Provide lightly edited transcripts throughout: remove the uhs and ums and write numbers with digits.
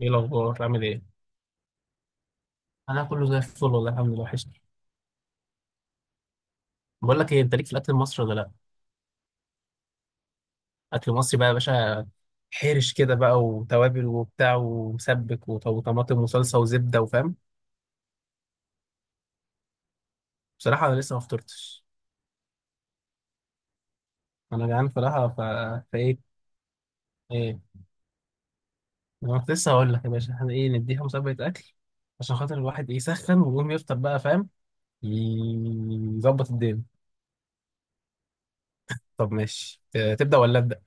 ايه الاخبار؟ عامل ايه؟ انا كله زي الفل والله، الحمد لله، وحشني. بقول لك ايه، انت ليك في الاكل المصري ولا لا؟ اكل مصري بقى يا باشا، حرش كده بقى وتوابل وبتاع ومسبك وطماطم وصلصه وزبده وفاهم. بصراحه انا لسه ما فطرتش. انا جعان بصراحه فايه؟ ايه؟ انا كنت لسه هقول لك يا باشا، احنا ايه نديها مسابقه اكل، عشان خاطر الواحد ايه يسخن ويقوم يفطر بقى فاهم. يظبط الدنيا. طب ماشي، تبدا ولا ابدا؟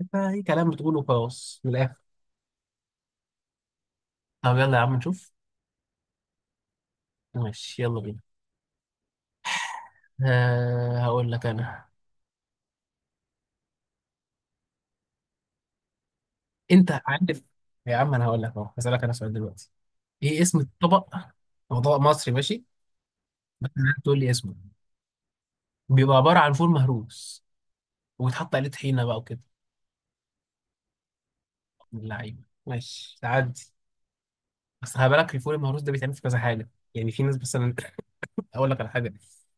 انت اي كلام بتقوله خلاص من الاخر. طب يلا يا عم نشوف. ماشي يلا بينا. آه، هقول لك انا. انت عارف. يا عم انا هقول لك اهو، هسألك انا سؤال دلوقتي. ايه اسم الطبق؟ هو طبق مصري ماشي. تقول لي اسمه. بيبقى عبارة عن فول مهروس، وبيتحط عليه طحينة بقى وكده. من اللعيبة ماشي، تعدي. بس خلي بالك، الفول المهروس ده بيتعمل في كذا حاجة، يعني في ناس مثلا. اقول لك على حاجة،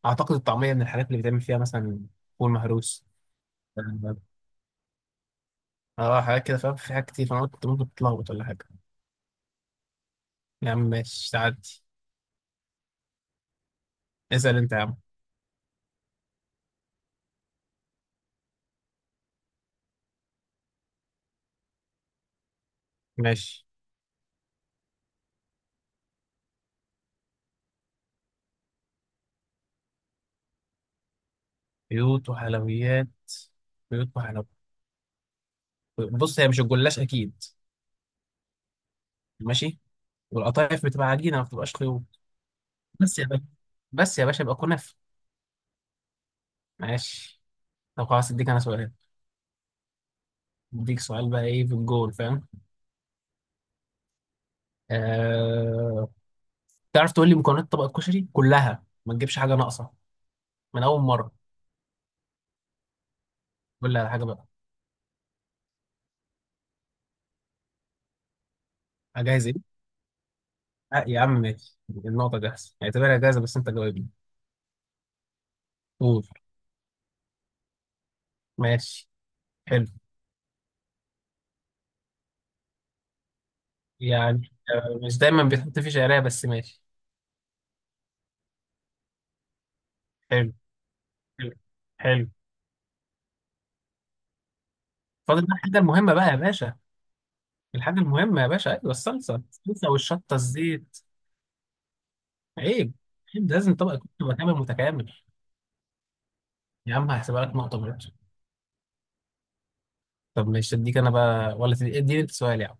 اعتقد الطعمية من الحاجات اللي بيتعمل فيها مثلا فول مهروس. اه. آه، حاجات كده فاهم، في حاجات كتير، فانا قلت ممكن تتلخبط ولا حاجة. يا عم ماشي، تعدي. اسأل انت يا عم. ماشي. بيوت وحلويات؟ بيوت وحلويات. بص هي مش الجلاش اكيد. ماشي. والقطايف بتبقى عجينه، ما بتبقاش خيوط. بس يا باشا، بس يا باشا، يبقى كنافه. ماشي. طب خلاص، اديك انا سؤال. اديك سؤال بقى ايه في الجول فاهم. آه... تعرف تقول لي مكونات طبق الكشري كلها ما تجيبش حاجه ناقصه من اول مره؟ قول لي على حاجه بقى. جاهز ايه؟ آه يا عم ماشي، النقطه جاهزه، اعتبرها جاهزه، بس انت جاوبني. قول. ماشي. حلو. يعني آه، مش دايما بيتحط فيه شعريه، بس ماشي. حلو. حلو. حلو. فاضل بقى الحاجة المهمة بقى يا باشا. الحاجة المهمة يا باشا، أيوة، الصلصة، الصلصة والشطة الزيت. عيب. عيب، ده لازم طبق يكون تبقى كامل متكامل. يا عم هحسبها لك نقطة برضه. طب ماشي، أديك أنا بقى ولا اديني أنت سؤال يا عم؟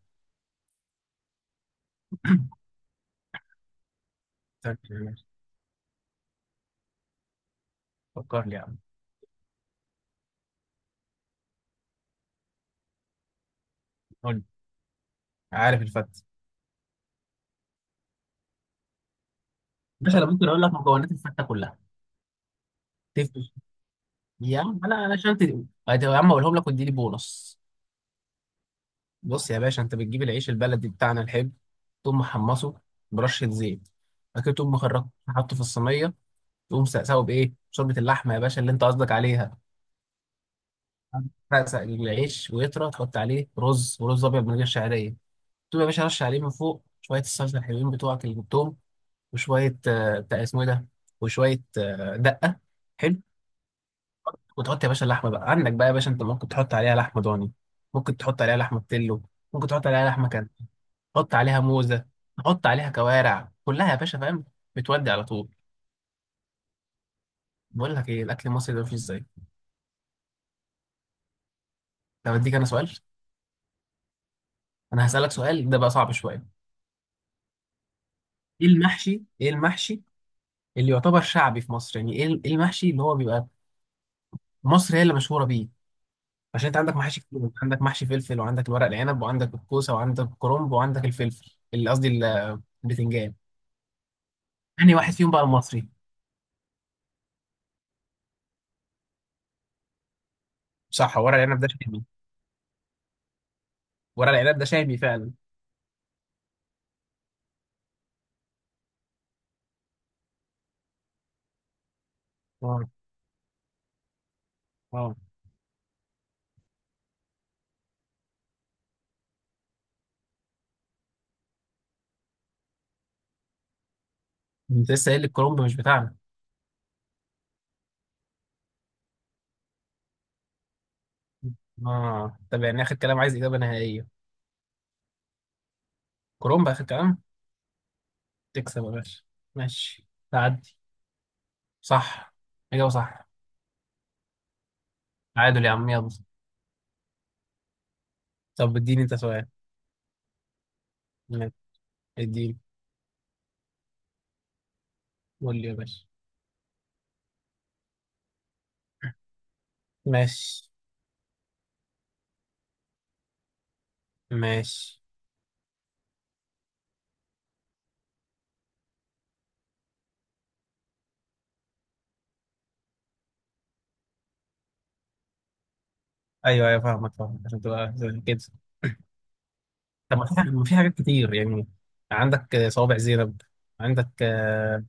طب ماشي. فكر لي يا عم. قول لي. عارف الفتة. باشا أنا ممكن أقول لك مكونات الفتة كلها. تفرق. يا عم أنا عشان تقول. يا عم أقولهم لك واديني بونص. بص يا باشا، أنت بتجيب العيش البلدي بتاعنا الحلو، تقوم محمصه برشة زيت، بعد كده تقوم مخرجه حاطه في الصينية، تقوم ساقسه بايه شوربه اللحمه يا باشا اللي انت قصدك عليها. تسقسق العيش ويطرى، تحط عليه رز، ورز ابيض من غير شعريه. تقوم يا باشا رش عليه من فوق شويه الصلصه الحلوين بتوعك اللي جبتهم، وشويه آه، بتاع اسمه ايه ده، وشويه آه، دقه. حلو. وتحط يا باشا اللحمه بقى عندك بقى يا باشا، انت ممكن تحط عليها لحمه ضاني، ممكن تحط عليها لحمه بتلو، ممكن تحط عليها لحمه كان، تحط عليها موزه، تحط عليها كوارع كلها يا باشا فاهم، بتودي على طول. بقول لك ايه، الاكل المصري ده مفيش زيه. طب اديك انا سؤال. انا هسألك سؤال ده بقى صعب شويه. ايه المحشي؟ ايه المحشي اللي يعتبر شعبي في مصر، يعني ايه إيه المحشي اللي هو بيبقى مصر هي اللي مشهوره بيه؟ عشان انت عندك محاشي كتير، انت عندك محشي فلفل، وعندك الورق العنب، وعندك الكوسه، وعندك الكرنب، وعندك الفلفل اللي قصدي البتنجان. انهي واحد فيهم بقى المصري؟ صح، ورق العنب ده شامي. ورق العنب ده شامي فعلا. اه. اه. انت لسه قايل لي الكرنب مش بتاعنا. اه، طب يعني اخر كلام، عايز اجابه نهائيه. كرنب اخر كلام. تكسب يا باشا. ماشي. تعدي. صح. اجابه صح. تعادل يا عم، يلا. طب اديني انت سؤال. ماشي. اديني. قول لي يا باشا. ماشي. ماشي. ايوه ايوه، فاهمك فاهمك، عشان تبقى زي كده. طب ما في ما في حاجات كتير يعني. عندك آه، صوابع زينب. عندك آه،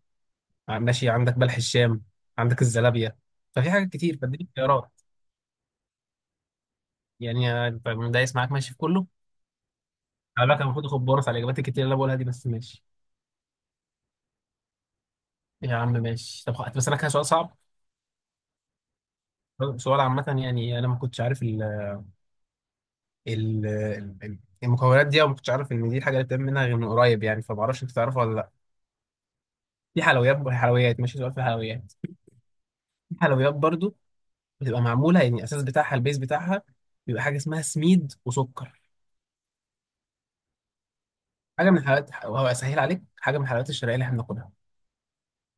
ماشي، عندك بلح الشام، عندك الزلابية، ففي حاجات كتير، فاديني اختيارات. يعني آه، أنت دايس معاك ماشي في كله. على فكره المفروض اخد بونص على الاجابات الكتير اللي انا بقولها دي، بس ماشي. يا عم ماشي، طب بس انا كده سؤال صعب. سؤال عامة يعني انا ما كنتش عارف. ال- المكونات دي أنا ما كنتش عارف إن دي الحاجة اللي بتتعمل منها غير من قريب يعني، فما أعرفش أنت تعرفها ولا لأ. في حلويات وحلويات، ماشي سؤال في الحلويات. في حلويات برضو، بتبقى معمولة يعني الأساس بتاعها، البيز بتاعها بيبقى حاجة اسمها سميد وسكر. حاجة من الحلويات، وهو أسهل عليك حاجة من الحلويات الشرقية اللي إحنا بناكلها،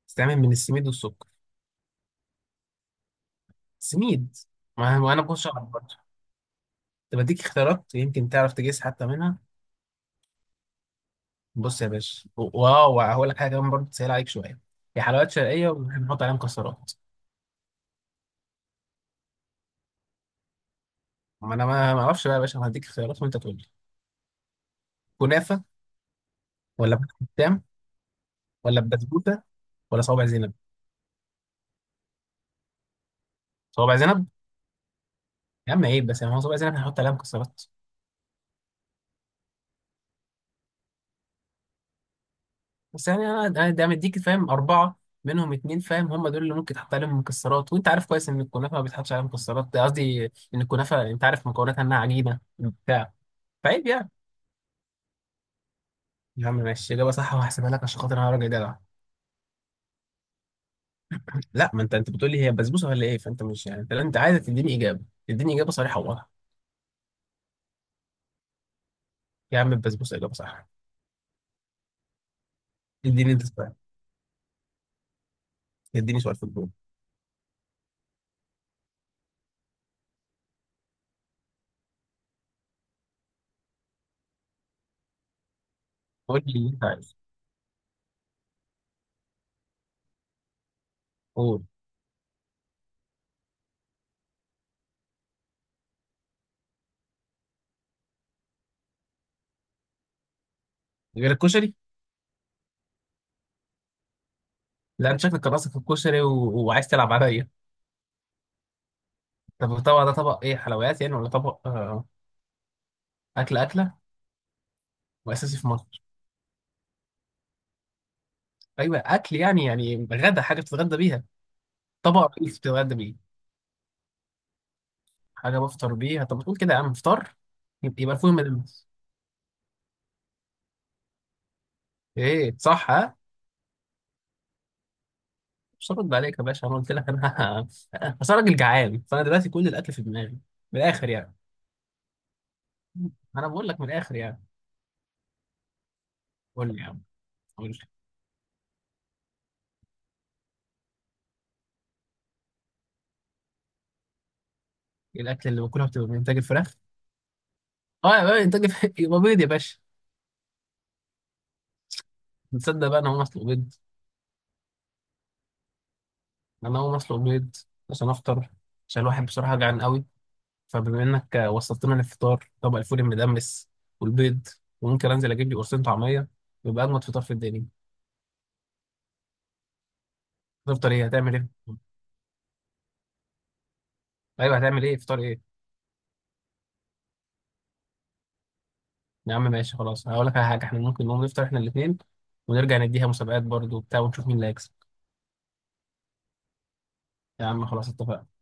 بتتعمل من السميد والسكر. سميد. ما ما أنا ما كنتش أعرف برضه. طب أديك اختيارات يمكن تعرف تجيس حتى منها. بص يا باشا، واو هقول لك حاجة كمان برضه تسهل عليك شوية، هي حلويات شرقية وبنحط عليها مكسرات. ما انا ما ما اعرفش بقى يا باشا، أنا هديك خيارات وانت تقول لي. كنافه، ولا بلح الشام، ولا بسبوسه، ولا صوابع زينب؟ صوابع زينب. يا عم عيب. بس يعني هو صوابع زينب هنحط عليها مكسرات؟ بس يعني انا ده مديك فاهم اربعه، منهم اتنين فاهم هم دول اللي ممكن تحط عليهم مكسرات، وانت عارف كويس ان الكنافه ما بيتحطش عليها مكسرات، ده قصدي ان الكنافه انت عارف مكوناتها انها عجينه بتاع، فعيب يعني. يا عم ماشي، اجابه صح وهحسبها لك عشان خاطر انا راجل جدع. لا، ما انت بتقول لي هي بسبوسه ولا ايه؟ فانت مش يعني، انت عايز تديني اجابه صريحه وواضحه. يا عم البسبوسه اجابه صح. اديني انت سؤال. اديني سؤال في الجون. قول لي اللي انت عايزه. قول. غير الكشري. لا انت شكلك راسك في الكشري وعايز تلعب عليا. طب الطبق ده طبق ايه، حلويات يعني ولا طبق اكل، اكله واساسي في مصر؟ ايوه اكل يعني، غدا، حاجه بتتغدى بيها، طبق رئيسي بتتغدى بيه. حاجه بفطر بيها، طب بتقول كده يا عم؟ فطار. يبقى فول مدلس. ايه صح ها؟ مش هرد عليك يا باشا، انا قلت لك انا. بس انا راجل جعان، فانا دلوقتي كل الاكل في دماغي، من الاخر يعني. انا بقول لك من الاخر يعني. قول لي يا عم. قول. الاكل اللي باكلها بتبقى من انتاج الفراخ. اه يا باشا، انتاج الفراخ، يبقى بيض يا باشا. تصدق بقى انا هقوم اطلب بيض. انا هقوم اطلب بيض عشان افطر، عشان الواحد بصراحه جعان قوي. فبما انك وصلتنا للفطار، طبق الفول المدمس والبيض، وممكن انزل اجيب لي قرصين طعميه، يبقى اجمد فطار في الدنيا. تفطر ايه، هتعمل ايه؟ ايوه هتعمل ايه، فطار ايه؟ يا عم ماشي خلاص، هقول لك على حاجه، احنا ممكن نقوم نفطر احنا الاثنين، ونرجع نديها مسابقات برضو وبتاع، ونشوف مين اللي هيكسب. يا عم خلاص اتفقنا.